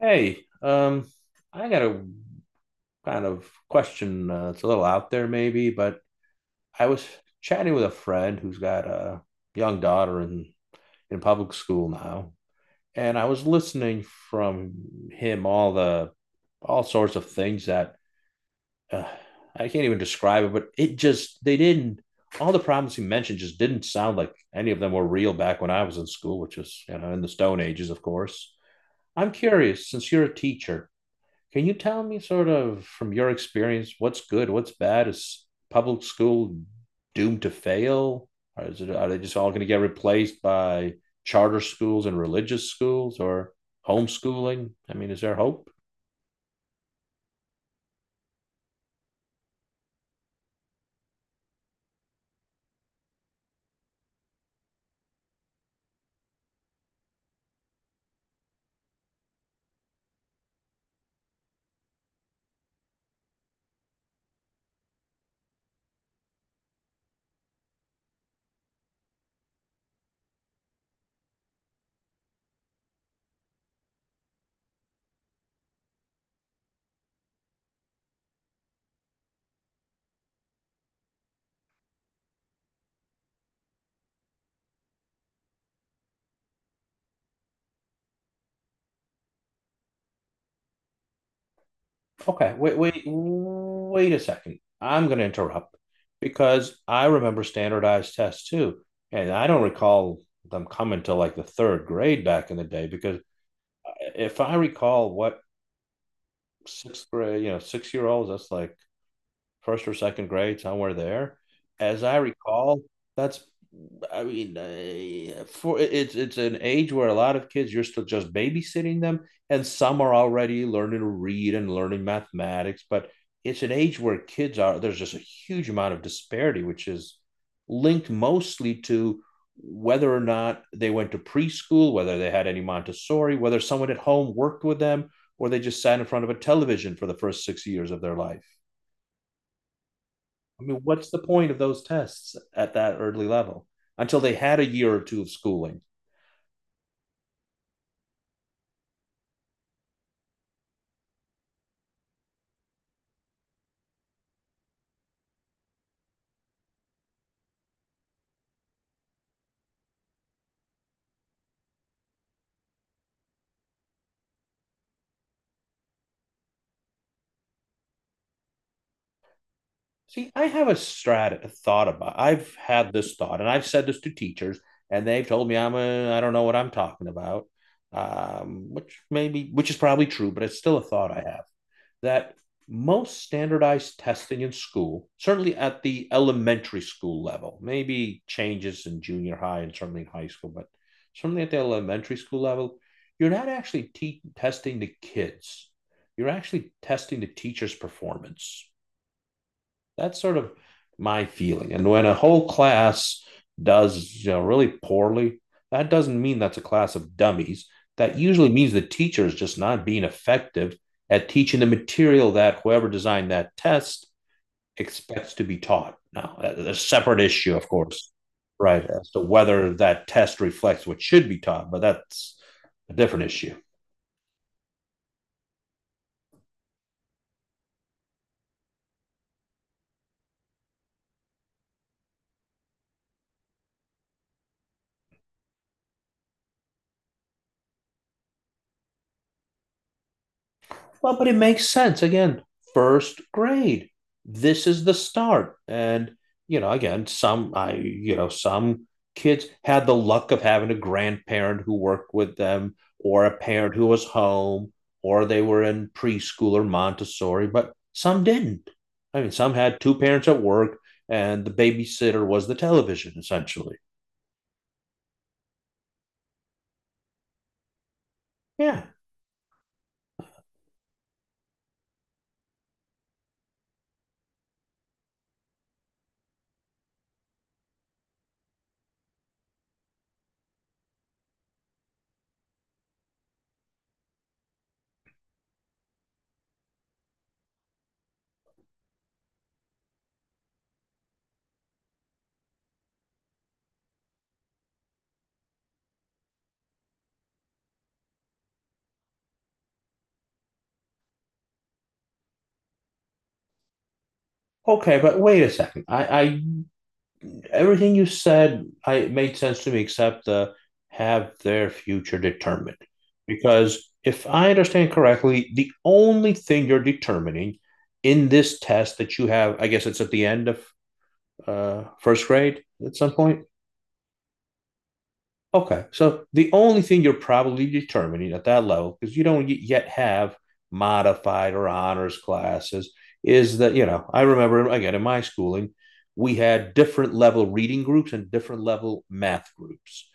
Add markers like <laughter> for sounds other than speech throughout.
Hey, I got a kind of question. It's a little out there, maybe, but I was chatting with a friend who's got a young daughter in public school now, and I was listening from him all the all sorts of things that uh, I can't even describe it, but it just they didn't all the problems he mentioned just didn't sound like any of them were real back when I was in school, which was, you know, in the Stone Ages, of course. I'm curious, since you're a teacher, can you tell me, sort of, from your experience, what's good, what's bad? Is public school doomed to fail? Or is it, are they just all going to get replaced by charter schools and religious schools or homeschooling? I mean, is there hope? Okay, wait, wait, wait a second. I'm going to interrupt because I remember standardized tests too. And I don't recall them coming to like the third grade back in the day, because if I recall what sixth grade, you know, six-year-olds, that's like first or second grade, somewhere there. As I recall, that's I mean, for it's an age where a lot of kids you're still just babysitting them, and some are already learning to read and learning mathematics. But it's an age where kids are there's just a huge amount of disparity, which is linked mostly to whether or not they went to preschool, whether they had any Montessori, whether someone at home worked with them, or they just sat in front of a television for the first 6 years of their life. I mean, what's the point of those tests at that early level until they had a year or two of schooling? See, I have a strat a thought about. I've had this thought, and I've said this to teachers, and they've told me I don't know what I'm talking about, which is probably true, but it's still a thought I have that most standardized testing in school, certainly at the elementary school level, maybe changes in junior high and certainly in high school, but certainly at the elementary school level, you're not actually testing the kids. You're actually testing the teacher's performance. That's sort of my feeling. And when a whole class does really poorly, that doesn't mean that's a class of dummies. That usually means the teacher is just not being effective at teaching the material that whoever designed that test expects to be taught. Now, a separate issue, of course, right, as to whether that test reflects what should be taught, but that's a different issue. Well, but it makes sense. Again, first grade. This is the start. And, you know, again, some I you know, some kids had the luck of having a grandparent who worked with them or a parent who was home or they were in preschool or Montessori, but some didn't. I mean, some had two parents at work and the babysitter was the television, essentially. Yeah. Okay, but wait a second. I Everything you said, I made sense to me, except the have their future determined. Because if I understand correctly, the only thing you're determining in this test that you have, I guess it's at the end of first grade at some point. Okay, so the only thing you're probably determining at that level, because you don't yet have modified or honors classes, is that, you know, I remember again in my schooling, we had different level reading groups and different level math groups.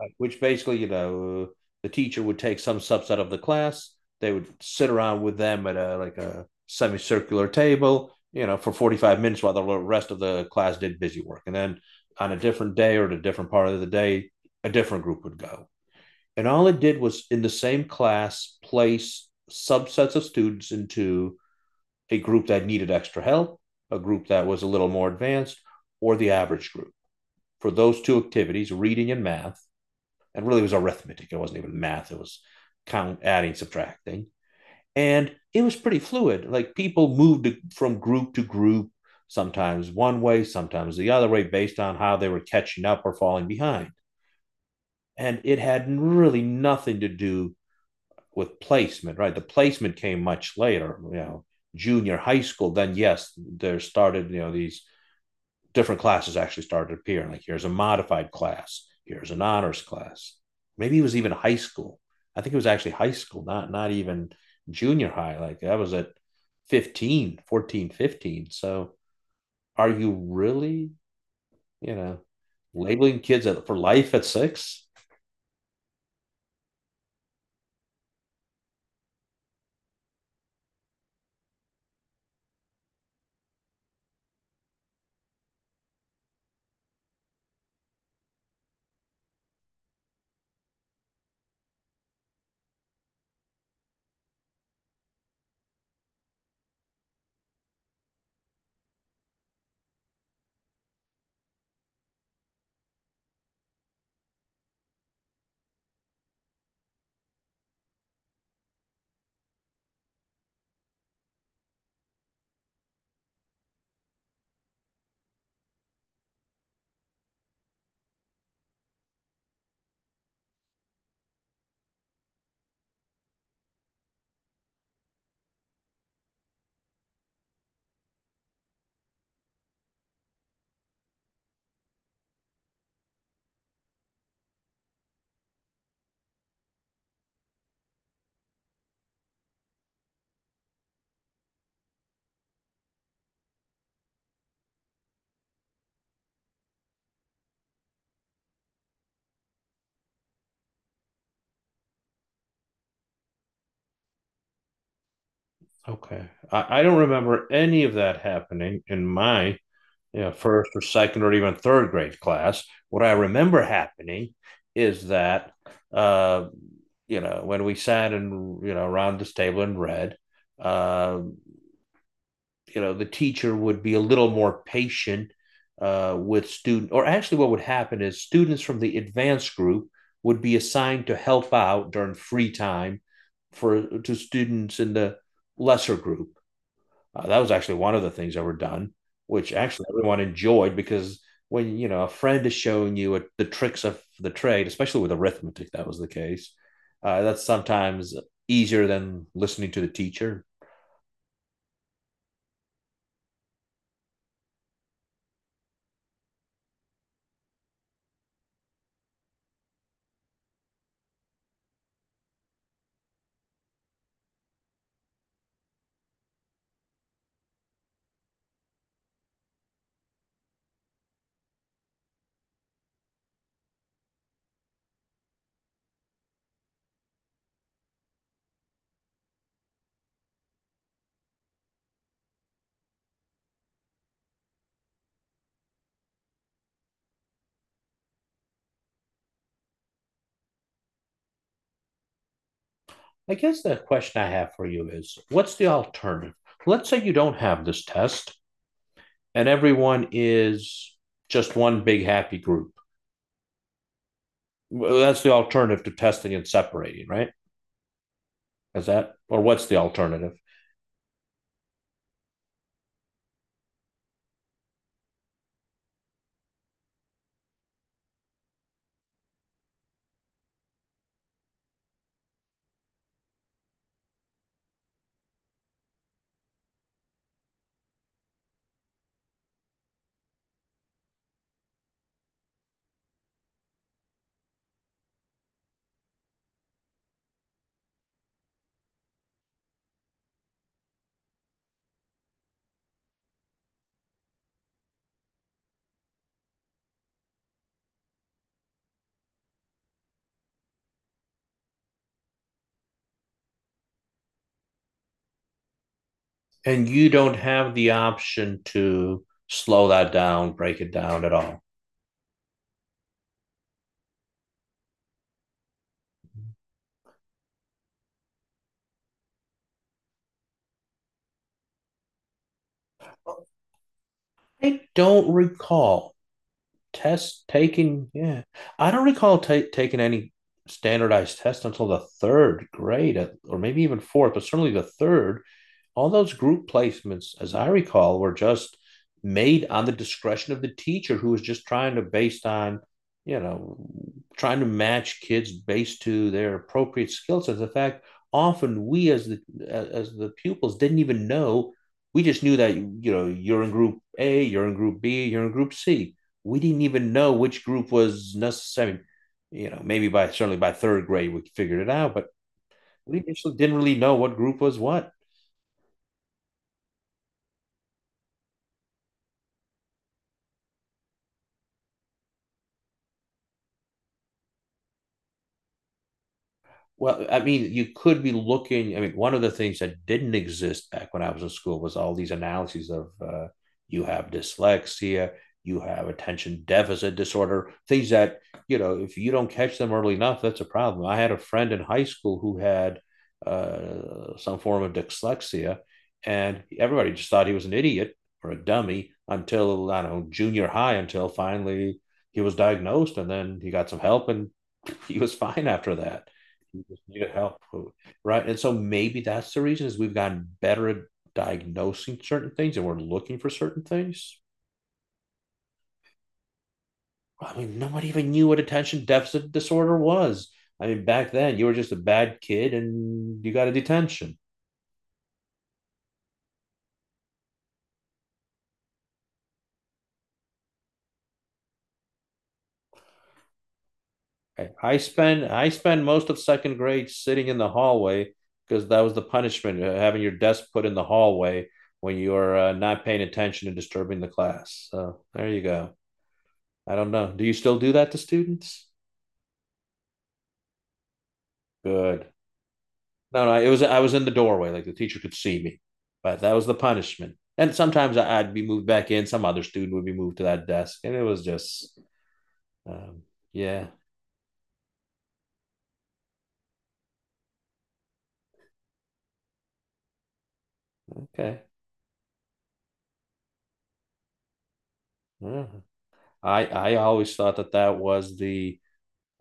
Right, which basically, you know, the teacher would take some subset of the class. They would sit around with them at a like a semicircular table, you know, for 45 minutes while the rest of the class did busy work. And then on a different day or at a different part of the day, a different group would go. And all it did was in the same class place subsets of students into a group that needed extra help, a group that was a little more advanced, or the average group. For those two activities, reading and math, and really it was arithmetic. It wasn't even math. It was count, adding, subtracting, and it was pretty fluid. Like, people moved from group to group, sometimes one way, sometimes the other way, based on how they were catching up or falling behind. And it had really nothing to do with placement, right? The placement came much later, you know, junior high school. Then yes, there started, you know, these different classes actually started appearing. Like, here's a modified class, here's an honors class. Maybe it was even high school. I think it was actually high school, not even junior high. Like I was at 15, 14, 15. So are you really, you know, labeling kids for life at six? Okay. I don't remember any of that happening in my, you know, first or second or even third grade class. What I remember happening is that, uh, you know, when we sat and, you know, around this table and read, uh, you know, the teacher would be a little more patient with student, or actually what would happen is students from the advanced group would be assigned to help out during free time for to students in the lesser group that was actually one of the things that were done, which actually everyone enjoyed because when you know a friend is showing you the tricks of the trade, especially with arithmetic, that was the case. That's sometimes easier than listening to the teacher. I guess the question I have for you is, what's the alternative? Let's say you don't have this test, and everyone is just one big happy group. Well, that's the alternative to testing and separating, right? Is that or what's the alternative? And you don't have the option to slow that down, break it down at all. I don't recall tests taking, yeah, I don't recall taking any standardized tests until the third grade or maybe even fourth, but certainly the third. All those group placements, as I recall, were just made on the discretion of the teacher who was just trying to based on, you know, trying to match kids based to their appropriate skill sets. In fact, often we as the pupils didn't even know. We just knew that, you know, you're in group A, you're in group B, you're in group C. We didn't even know which group was necessary. You know, maybe by, certainly by third grade we figured it out, but we initially didn't really know what group was what. Well, I mean, you could be looking. I mean, one of the things that didn't exist back when I was in school was all these analyses of you have dyslexia, you have attention deficit disorder, things that, you know, if you don't catch them early enough, that's a problem. I had a friend in high school who had some form of dyslexia, and everybody just thought he was an idiot or a dummy until, I don't know, junior high, until finally he was diagnosed and then he got some help and <laughs> he was fine after that, you just needed help, who, right? And so maybe that's the reason is we've gotten better at diagnosing certain things and we're looking for certain things. I mean, nobody even knew what attention deficit disorder was. I mean, back then you were just a bad kid and you got a detention. I spend most of second grade sitting in the hallway because that was the punishment, having your desk put in the hallway when you are not paying attention and disturbing the class. So there you go. I don't know. Do you still do that to students? Good. No, no, it was I was in the doorway, like the teacher could see me, but that was the punishment. And sometimes would be moved back in. Some other student would be moved to that desk, and it was just, um, yeah, okay. Yeah. I always thought that that was the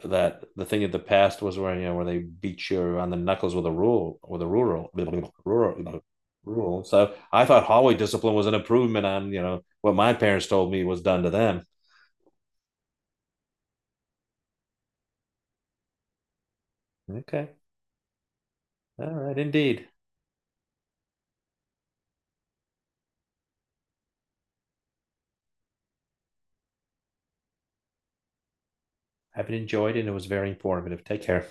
that the thing of the past was where, you know, where they beat you on the knuckles with a rule with a rural rural rule. So I thought hallway discipline was an improvement on, you know, what my parents told me was done to them. Okay, all right, indeed. I've enjoyed it, and it was very informative. Take care.